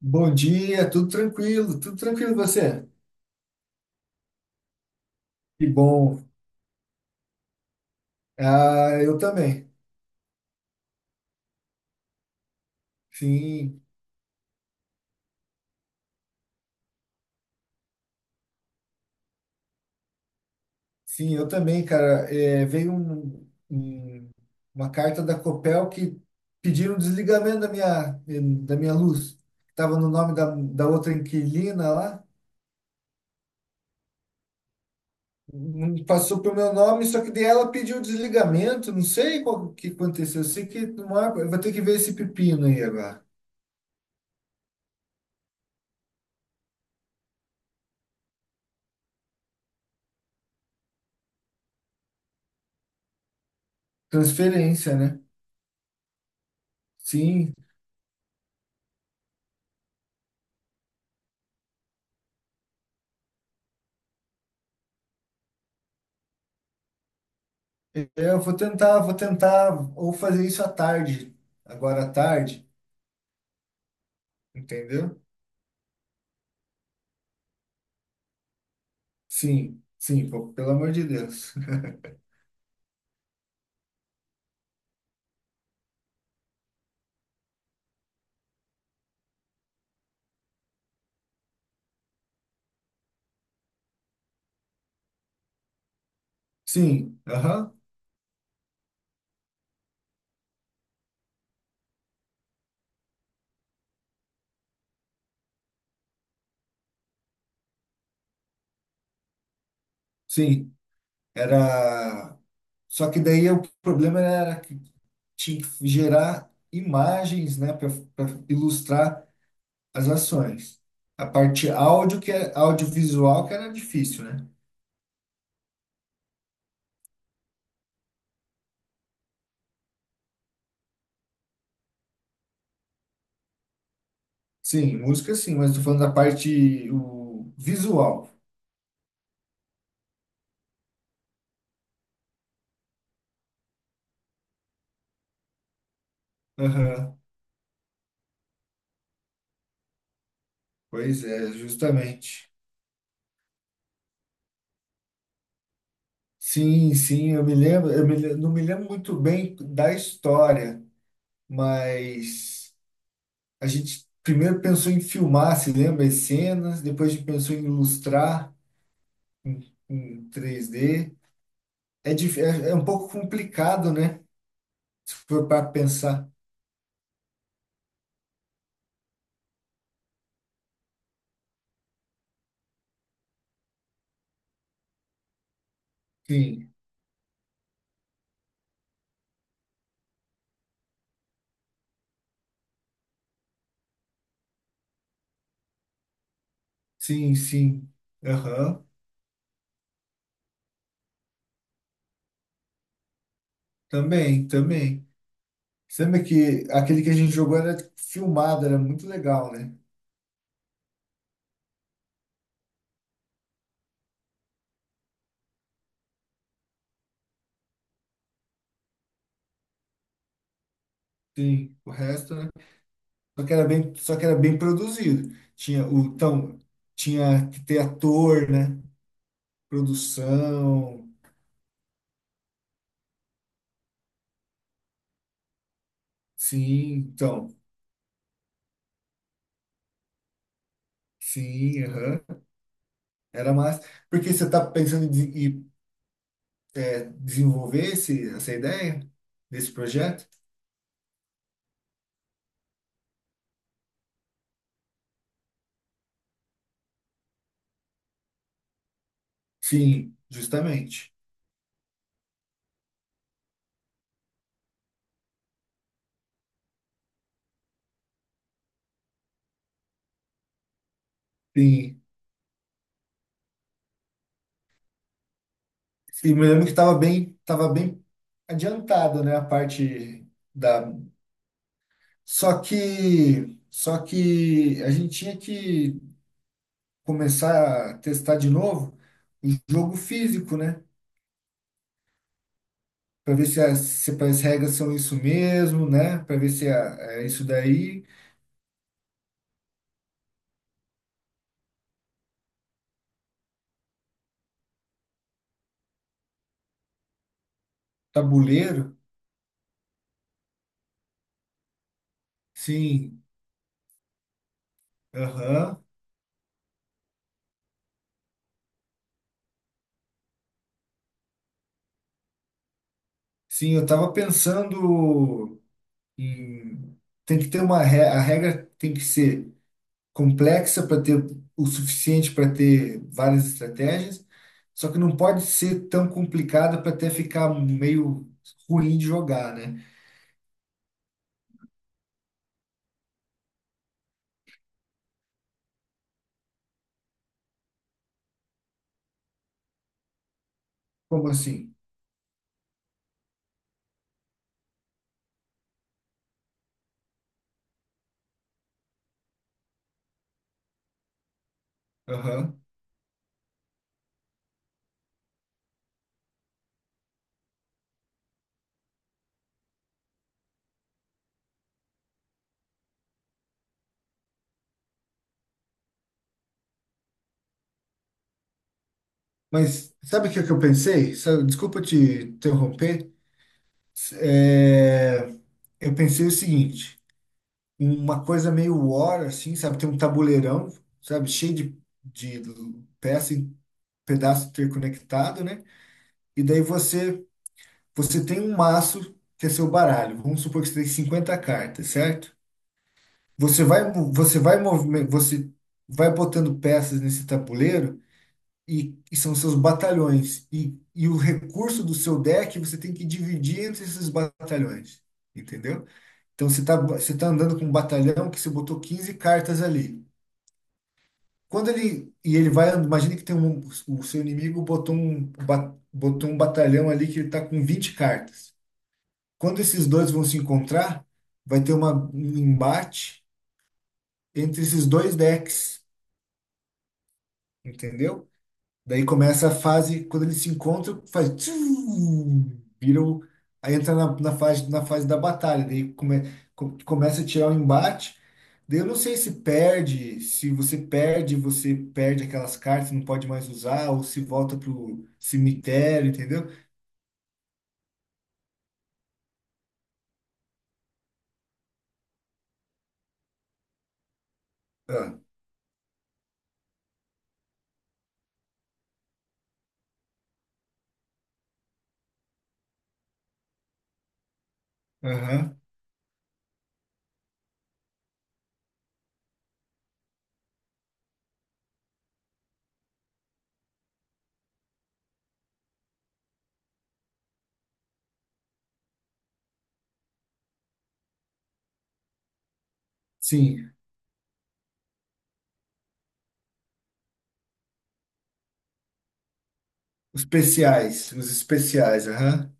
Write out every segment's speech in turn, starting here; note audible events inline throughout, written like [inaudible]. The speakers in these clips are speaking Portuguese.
Bom dia, tudo tranquilo e você? Que bom. Ah, eu também. Sim, sim, eu também, cara. É, veio uma carta da Copel que pediram o desligamento da minha luz. Estava no nome da outra inquilina lá. Não passou pro meu nome, só que daí ela pediu o desligamento. Não sei qual que aconteceu. Eu sei que não há- eu vou ter que ver esse pepino aí agora. Transferência, né? Sim, eu vou tentar ou fazer isso à tarde, agora à tarde, entendeu? Sim, sim, pô, pelo amor de Deus. [laughs] Sim, aham, sim. Era. Só que daí o problema era que tinha que gerar imagens, né, para ilustrar as ações. A parte áudio, que é audiovisual, que era difícil, né? Sim, música sim, mas tô falando da parte o visual. Aham, pois é, justamente. Sim, sim, eu me lembro, não me lembro muito bem da história, mas a gente primeiro pensou em filmar, se lembra, as cenas, depois a gente pensou em ilustrar em 3D. É um pouco complicado, né? Se for para pensar. Sim, sim, sim. Aham. Também, também. Você lembra que aquele que a gente jogou era filmado, era muito legal, né? Sim, o resto, né? Só que era bem produzido. Então, tinha que ter ator, né? Produção. Sim, então. Sim, aham. Era massa. Porque você está pensando em desenvolver essa ideia desse projeto? Sim, justamente. Sim. E me lembro que estava bem adiantado, né? A parte da. Só que a gente tinha que começar a testar de novo o jogo físico, né? Para ver se as regras são isso mesmo, né? Para ver se a- é isso daí. Tabuleiro? Sim, aham. Sim, eu estava pensando em. Tem que ter a regra tem que ser complexa para ter o suficiente para ter várias estratégias, só que não pode ser tão complicada para até ficar meio ruim de jogar, né? Como assim? Aham. Mas sabe o que é que eu pensei? Desculpa te interromper. é, eu pensei o seguinte, uma coisa meio war, assim, sabe? Tem um tabuleirão, sabe? Cheio de peça e pedaço interconectado, né? E daí você tem um maço que é seu baralho. Vamos supor que você tem 50 cartas, certo? Você vai, mo- você vai, movime- você vai botando peças nesse tabuleiro e são seus batalhões. E o recurso do seu deck você tem que dividir entre esses batalhões. Entendeu? Então você tá andando com um batalhão que você botou 15 cartas ali. Quando ele. E ele vai. Imagina que tem um, o seu inimigo botou um batalhão ali que ele tá com 20 cartas. Quando esses dois vão se encontrar, vai ter uma, um embate entre esses dois decks. Entendeu? Daí começa a fase, quando eles se encontram, faz. Tchum, viram. Aí entra na fase da batalha. Daí começa a tirar o embate. Daí eu não sei se você perde, você perde aquelas cartas, não pode mais usar, ou se volta pro cemitério, entendeu? Ah, aham. Sim. Os especiais. Os especiais, aham.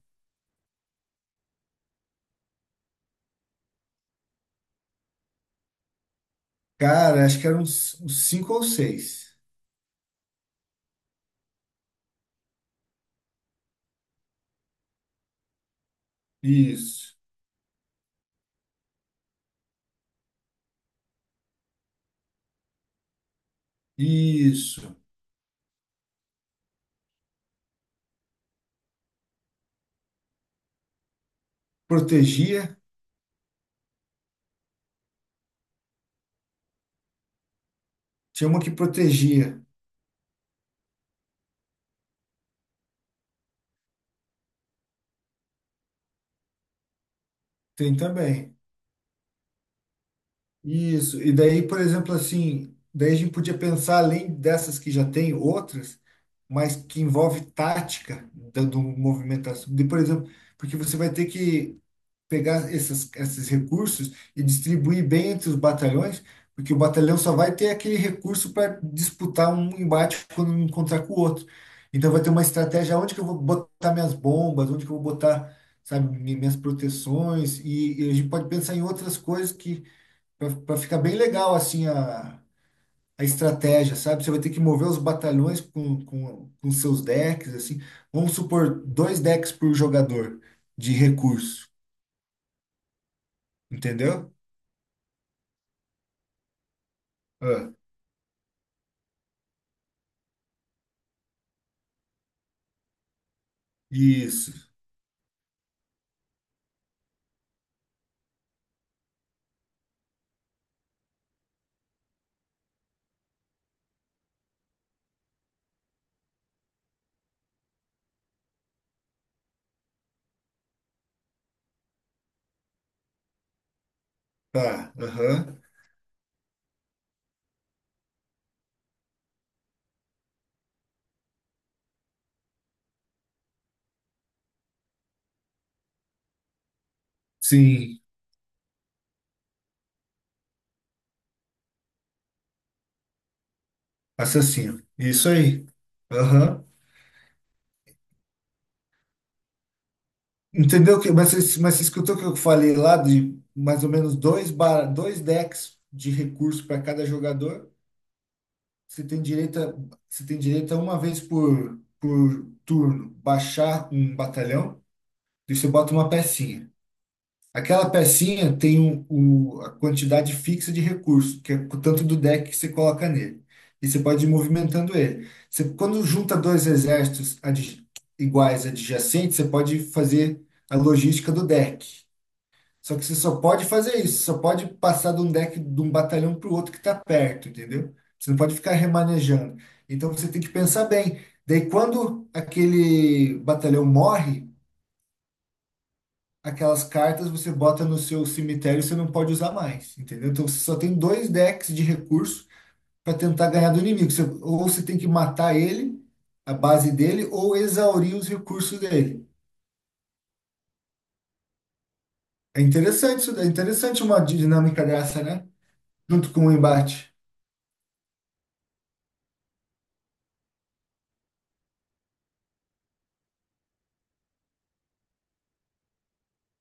Cara, acho que eram uns cinco ou seis. Isso. Isso. Protegia. Tinha uma que protegia. Tem também. Isso. E daí, por exemplo, assim, daí a gente podia pensar, além dessas que já tem, outras, mas que envolve tática do movimentação. De, por exemplo, porque você vai ter que pegar essas, esses recursos e distribuir bem entre os batalhões, porque o batalhão só vai ter aquele recurso para disputar um embate quando um encontrar com o outro. Então vai ter uma estratégia onde que eu vou botar minhas bombas, onde que eu vou botar, sabe, minhas proteções, e a gente pode pensar em outras coisas para ficar bem legal assim a estratégia, sabe? Você vai ter que mover os batalhões com seus decks, assim. Vamos supor dois decks por jogador de recurso, entendeu? Ah, isso. Tá, aham. Sim, assassino. Isso aí. Aham. Entendeu que, mas, mas você escutou o que eu falei lá de mais ou menos dois decks de recurso para cada jogador? Você tem direito a, você tem direito a uma vez por turno baixar um batalhão e você bota uma pecinha. Aquela pecinha tem a quantidade fixa de recurso, que é o tanto do deck que você coloca nele. E você pode ir movimentando ele. Você, quando junta dois exércitos iguais adjacentes, você pode fazer a logística do deck. Só que você só pode fazer isso, só pode passar de um deck de um batalhão para o outro que está perto, entendeu? Você não pode ficar remanejando. Então você tem que pensar bem. Daí quando aquele batalhão morre, aquelas cartas você bota no seu cemitério e você não pode usar mais, entendeu? Então você só tem dois decks de recurso para tentar ganhar do inimigo. Ou você tem que matar ele, a base dele, ou exaurir os recursos dele. É interessante isso, daí, é interessante uma dinâmica dessa, né? Junto com o embate.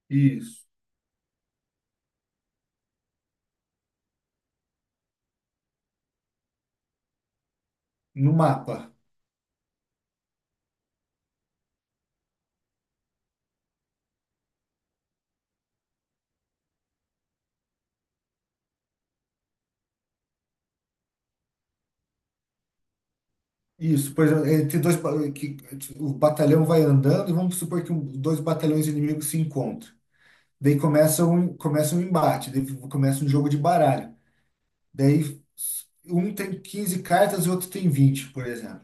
Isso. No mapa. Isso, por exemplo, entre o batalhão vai andando e vamos supor que dois batalhões inimigos se encontram. Daí começa um embate, daí começa um jogo de baralho. Daí um tem 15 cartas e o outro tem 20, por exemplo.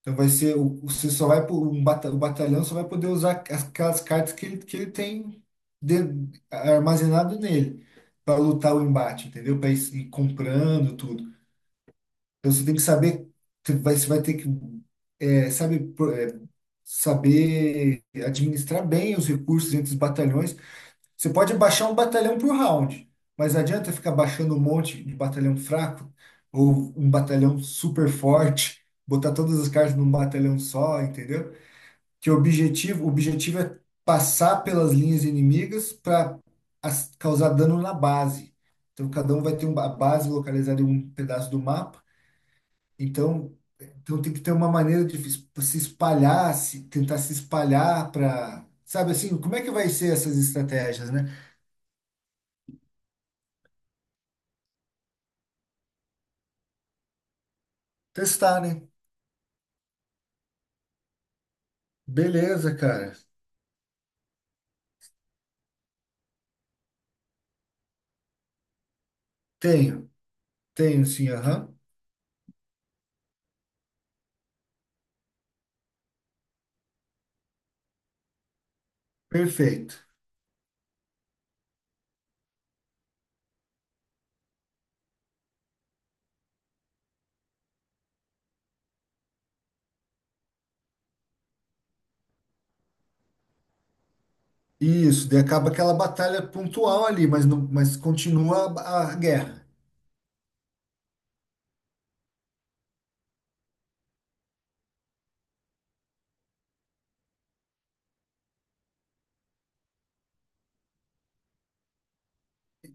Então vai ser, você só vai, o batalhão só vai poder usar aquelas cartas que ele tem de- armazenado nele para lutar o embate, entendeu? Para ir comprando tudo. Então você tem que saber, você vai ter que, sabe, saber administrar bem os recursos entre os batalhões. Você pode baixar um batalhão por round, mas não adianta ficar baixando um monte de batalhão fraco ou um batalhão super forte, botar todas as cartas num batalhão só, entendeu? Que o objetivo é passar pelas linhas inimigas para causar dano na base. Então cada um vai ter uma base localizada em um pedaço do mapa então, tem que ter uma maneira de se espalhar, se, tentar se espalhar para, sabe assim, como é que vai ser essas estratégias, né? Testar, né? Beleza, cara. Tenho, tenho sim, aham. Perfeito. Isso, daí acaba aquela batalha pontual ali, mas não, mas continua a guerra.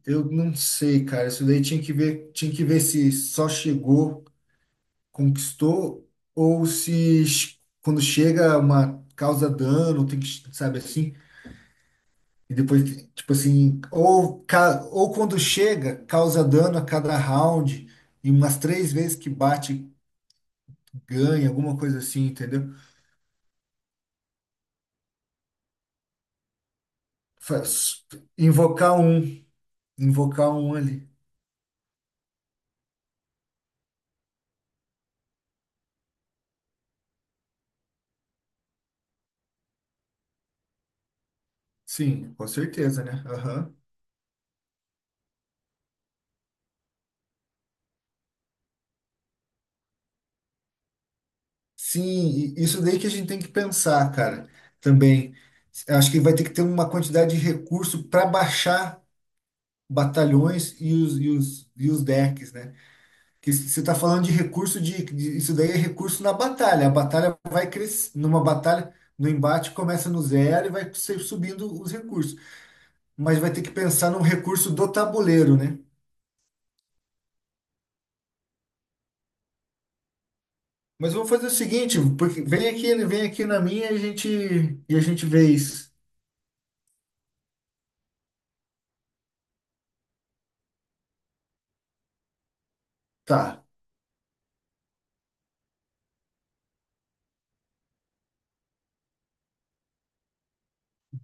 Eu não sei, cara. Isso daí tinha que ver se só chegou, conquistou, ou se quando chega uma causa dano, tem que, sabe assim? E depois, tipo assim, ou quando chega, causa dano a cada round, e umas três vezes que bate, ganha, alguma coisa assim, entendeu? Faz- Invocar um, invocar um ali. Sim, com certeza, né? Aham. Sim, e isso daí que a gente tem que pensar, cara, também. Acho que vai ter que ter uma quantidade de recurso para baixar batalhões e os, decks, né? Você está falando de recurso de, isso daí é recurso na batalha. A batalha vai crescer, numa batalha, no embate começa no zero e vai ser subindo os recursos. Mas vai ter que pensar num recurso do tabuleiro, né? Mas vamos fazer o seguinte, porque vem aqui, ele vem aqui na minha e a gente vê isso. Tá.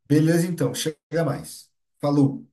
Beleza então, chega mais. Falou.